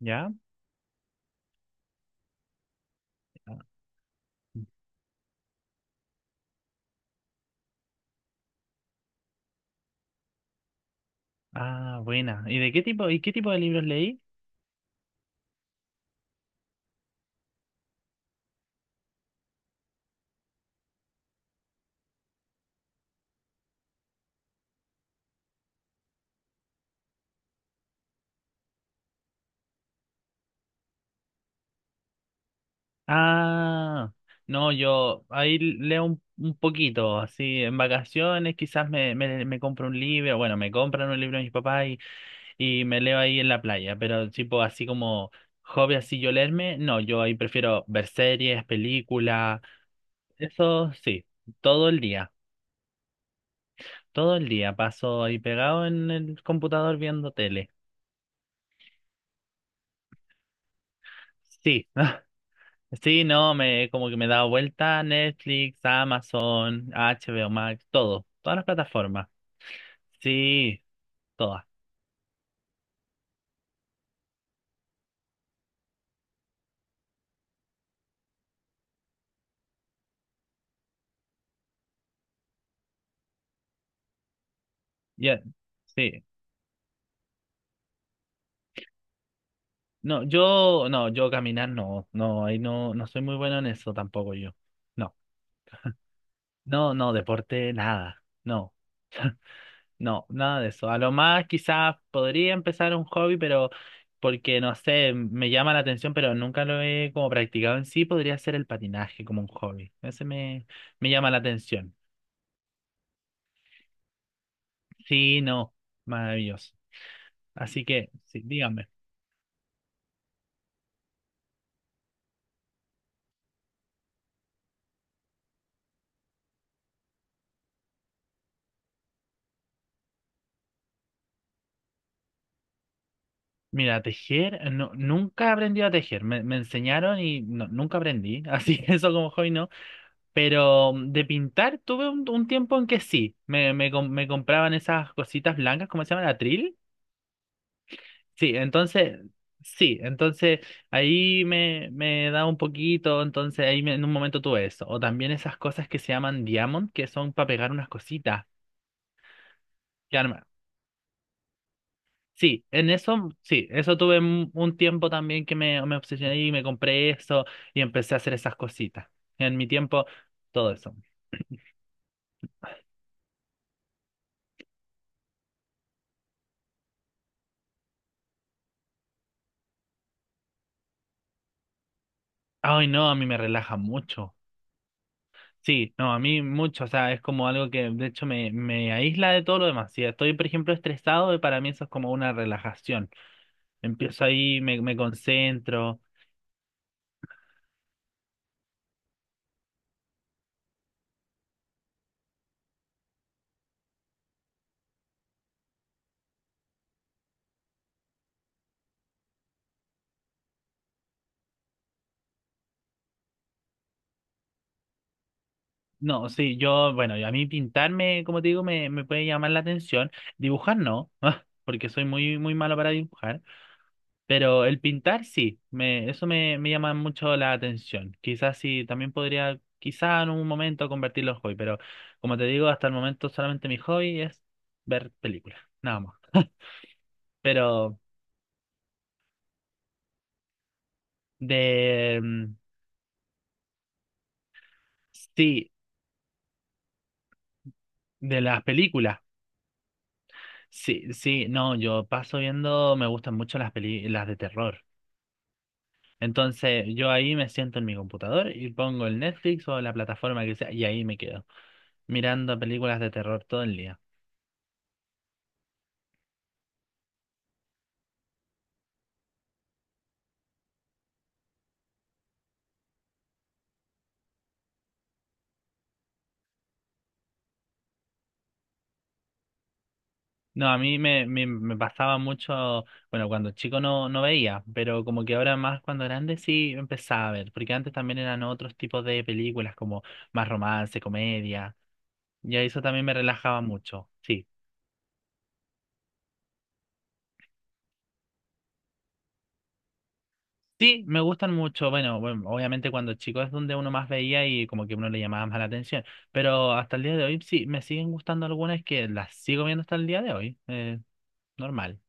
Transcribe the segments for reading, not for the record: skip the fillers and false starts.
¿Ya? Ah, buena. ¿Y de qué tipo, y qué tipo de libros leí? Ah, no, yo ahí leo un poquito, así, en vacaciones quizás me compro un libro, bueno, me compran un libro mis papás y me leo ahí en la playa, pero tipo así como hobby así yo leerme, no, yo ahí prefiero ver series, películas, eso sí, todo el día, todo el día paso ahí pegado en el computador viendo tele. Sí. Sí, no, me como que me he dado vuelta a Netflix, Amazon HBO Max, todo, todas las plataformas. Sí, todas. Ya, sí. No, yo no, yo caminar no, no, ahí no soy muy bueno en eso tampoco yo. No. No, no, deporte nada. No. No, nada de eso. A lo más quizás podría empezar un hobby, pero porque no sé, me llama la atención, pero nunca lo he como practicado en sí, podría ser el patinaje como un hobby. Ese me llama la atención. Sí, no, maravilloso. Así que, sí, dígame. Mira, tejer, no, nunca aprendí a tejer. Me enseñaron y no, nunca aprendí. Así que eso como hobby no. Pero de pintar tuve un tiempo en que sí. Me compraban esas cositas blancas, ¿cómo se llama? ¿Atril? Sí, entonces, sí, entonces ahí me da un poquito. Entonces en un momento tuve eso. O también esas cosas que se llaman diamond, que son para pegar unas cositas. Sí, en eso, sí, eso tuve un tiempo también que me obsesioné y me compré eso y empecé a hacer esas cositas. En mi tiempo, todo eso. Ay, no, a mí me relaja mucho. Sí, no, a mí mucho, o sea, es como algo que de hecho me aísla de todo lo demás. Si estoy, por ejemplo, estresado, para mí eso es como una relajación. Empiezo ahí, me concentro. No, sí, yo, bueno, a mí pintarme, como te digo, me puede llamar la atención. Dibujar no, porque soy muy, muy malo para dibujar. Pero el pintar sí, me, eso me llama mucho la atención. Quizás sí, también podría, quizás en un momento convertirlo en hobby, pero como te digo, hasta el momento solamente mi hobby es ver películas, nada más. Pero de, sí, de las películas, sí, sí, no, yo paso viendo, me gustan mucho las peli, las de terror. Entonces yo ahí me siento en mi computador y pongo el Netflix o la plataforma que sea y ahí me quedo mirando películas de terror todo el día. No, a mí me pasaba mucho, bueno, cuando chico no, no veía, pero como que ahora más cuando grande sí empezaba a ver, porque antes también eran otros tipos de películas como más romance, comedia, y eso también me relajaba mucho, sí. Sí, me gustan mucho, bueno, bueno, obviamente cuando chico es donde uno más veía y como que uno le llamaba más la atención, pero hasta el día de hoy sí, me siguen gustando algunas que las sigo viendo hasta el día de hoy, normal.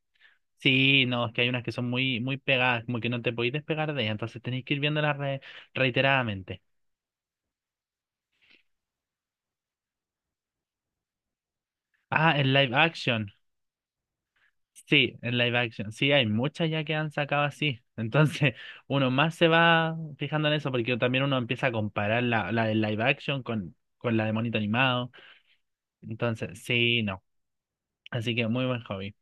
Sí, no, es que hay unas que son muy, muy pegadas, como que no te podéis despegar de ellas, entonces tenéis que ir viéndolas reiteradamente. Ah, en live action. Sí, en live action. Sí, hay muchas ya que han sacado así. Entonces, uno más se va fijando en eso, porque también uno empieza a comparar la, la de live action con la de monito animado. Entonces, sí, no. Así que muy buen hobby.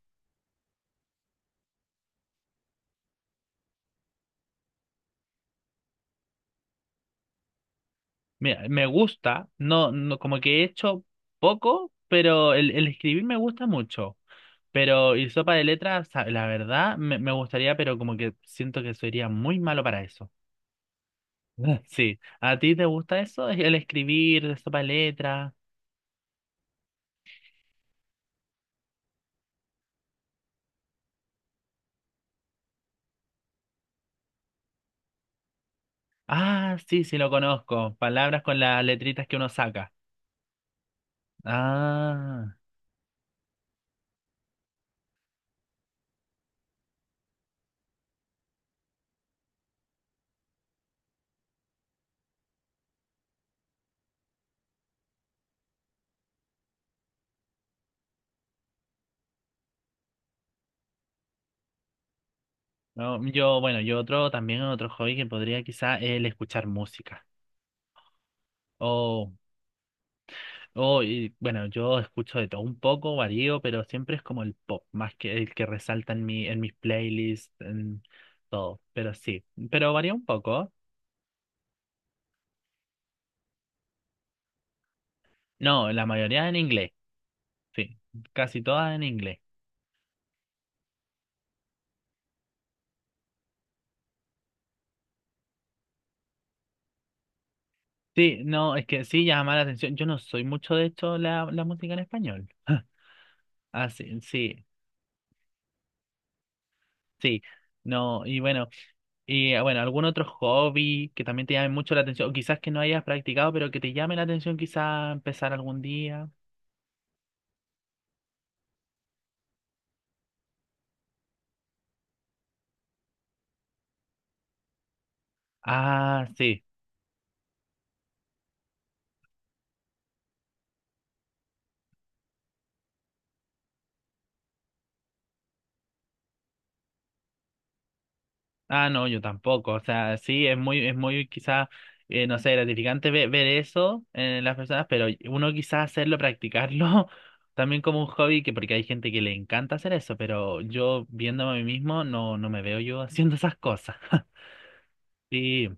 Mira, me gusta, no, no, como que he hecho poco, pero el escribir me gusta mucho. Pero y sopa de letras, la verdad, me gustaría, pero como que siento que sería muy malo para eso. Sí, ¿a ti te gusta eso? El escribir, sopa de letras. Ah, sí, sí, lo conozco. Palabras con las letritas que uno saca. Ah, no, yo, bueno, yo otro, también otro hobby que podría quizá el escuchar música. Oh, Oh, y, bueno, yo escucho de todo un poco, varío, pero siempre es como el pop, más que el que resalta en mi, en mis playlists, en todo. Pero sí, pero varía un poco. No, la mayoría en inglés, sí, casi todas en inglés. Sí, no, es que sí llama la atención. Yo no soy mucho de hecho la, la música en español. Ah, sí, sí, sí. No, y bueno, y ah, bueno, algún otro hobby que también te llame mucho la atención, o quizás que no hayas practicado, pero que te llame la atención quizás empezar algún día. Ah, sí. Ah, no, yo tampoco. O sea, sí, es muy quizás, no sé, gratificante ver, eso en las personas, pero uno quizás hacerlo, practicarlo también como un hobby, que porque hay gente que le encanta hacer eso, pero yo viéndome a mí mismo no, no me veo yo haciendo esas cosas. Sí,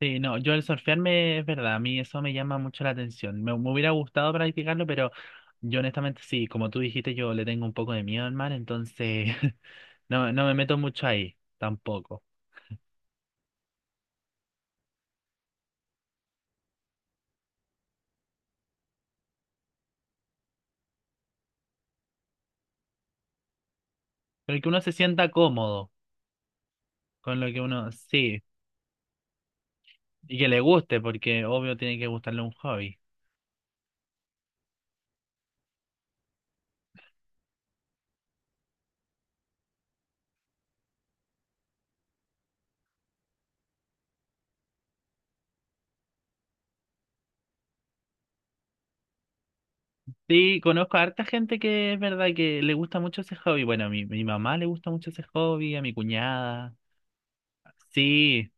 sí, no, yo el surfearme es verdad, a mí eso me llama mucho la atención. Me hubiera gustado practicarlo, pero yo honestamente sí, como tú dijiste, yo le tengo un poco de miedo al mar, entonces no, no me meto mucho ahí, tampoco. Pero que uno se sienta cómodo con lo que uno, sí, y que le guste, porque obvio tiene que gustarle un hobby. Sí, conozco a harta gente que es verdad que le gusta mucho ese hobby. Bueno, a mi mamá le gusta mucho ese hobby, a mi cuñada. Sí,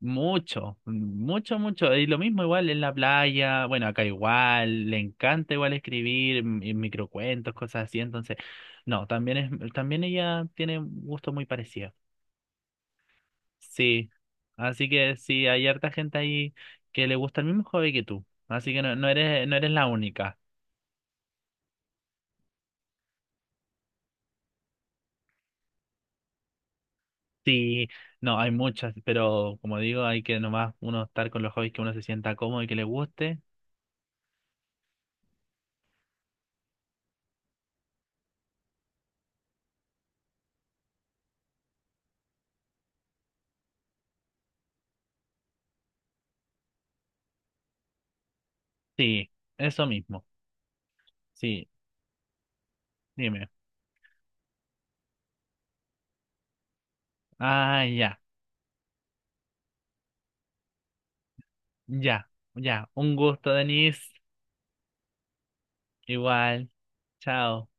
mucho, mucho, mucho. Y lo mismo igual en la playa, bueno, acá igual, le encanta igual escribir y microcuentos, cosas así. Entonces, no, también es, también ella tiene un gusto muy parecido. Sí, así que sí, hay harta gente ahí que le gusta el mismo hobby que tú, así que no, no eres, no eres la única. Sí, no, hay muchas, pero como digo, hay que nomás uno estar con los hobbies que uno se sienta cómodo y que le guste. Sí, eso mismo, sí, dime. Ah, ya, ya, ya, un gusto, Denise, igual, chao.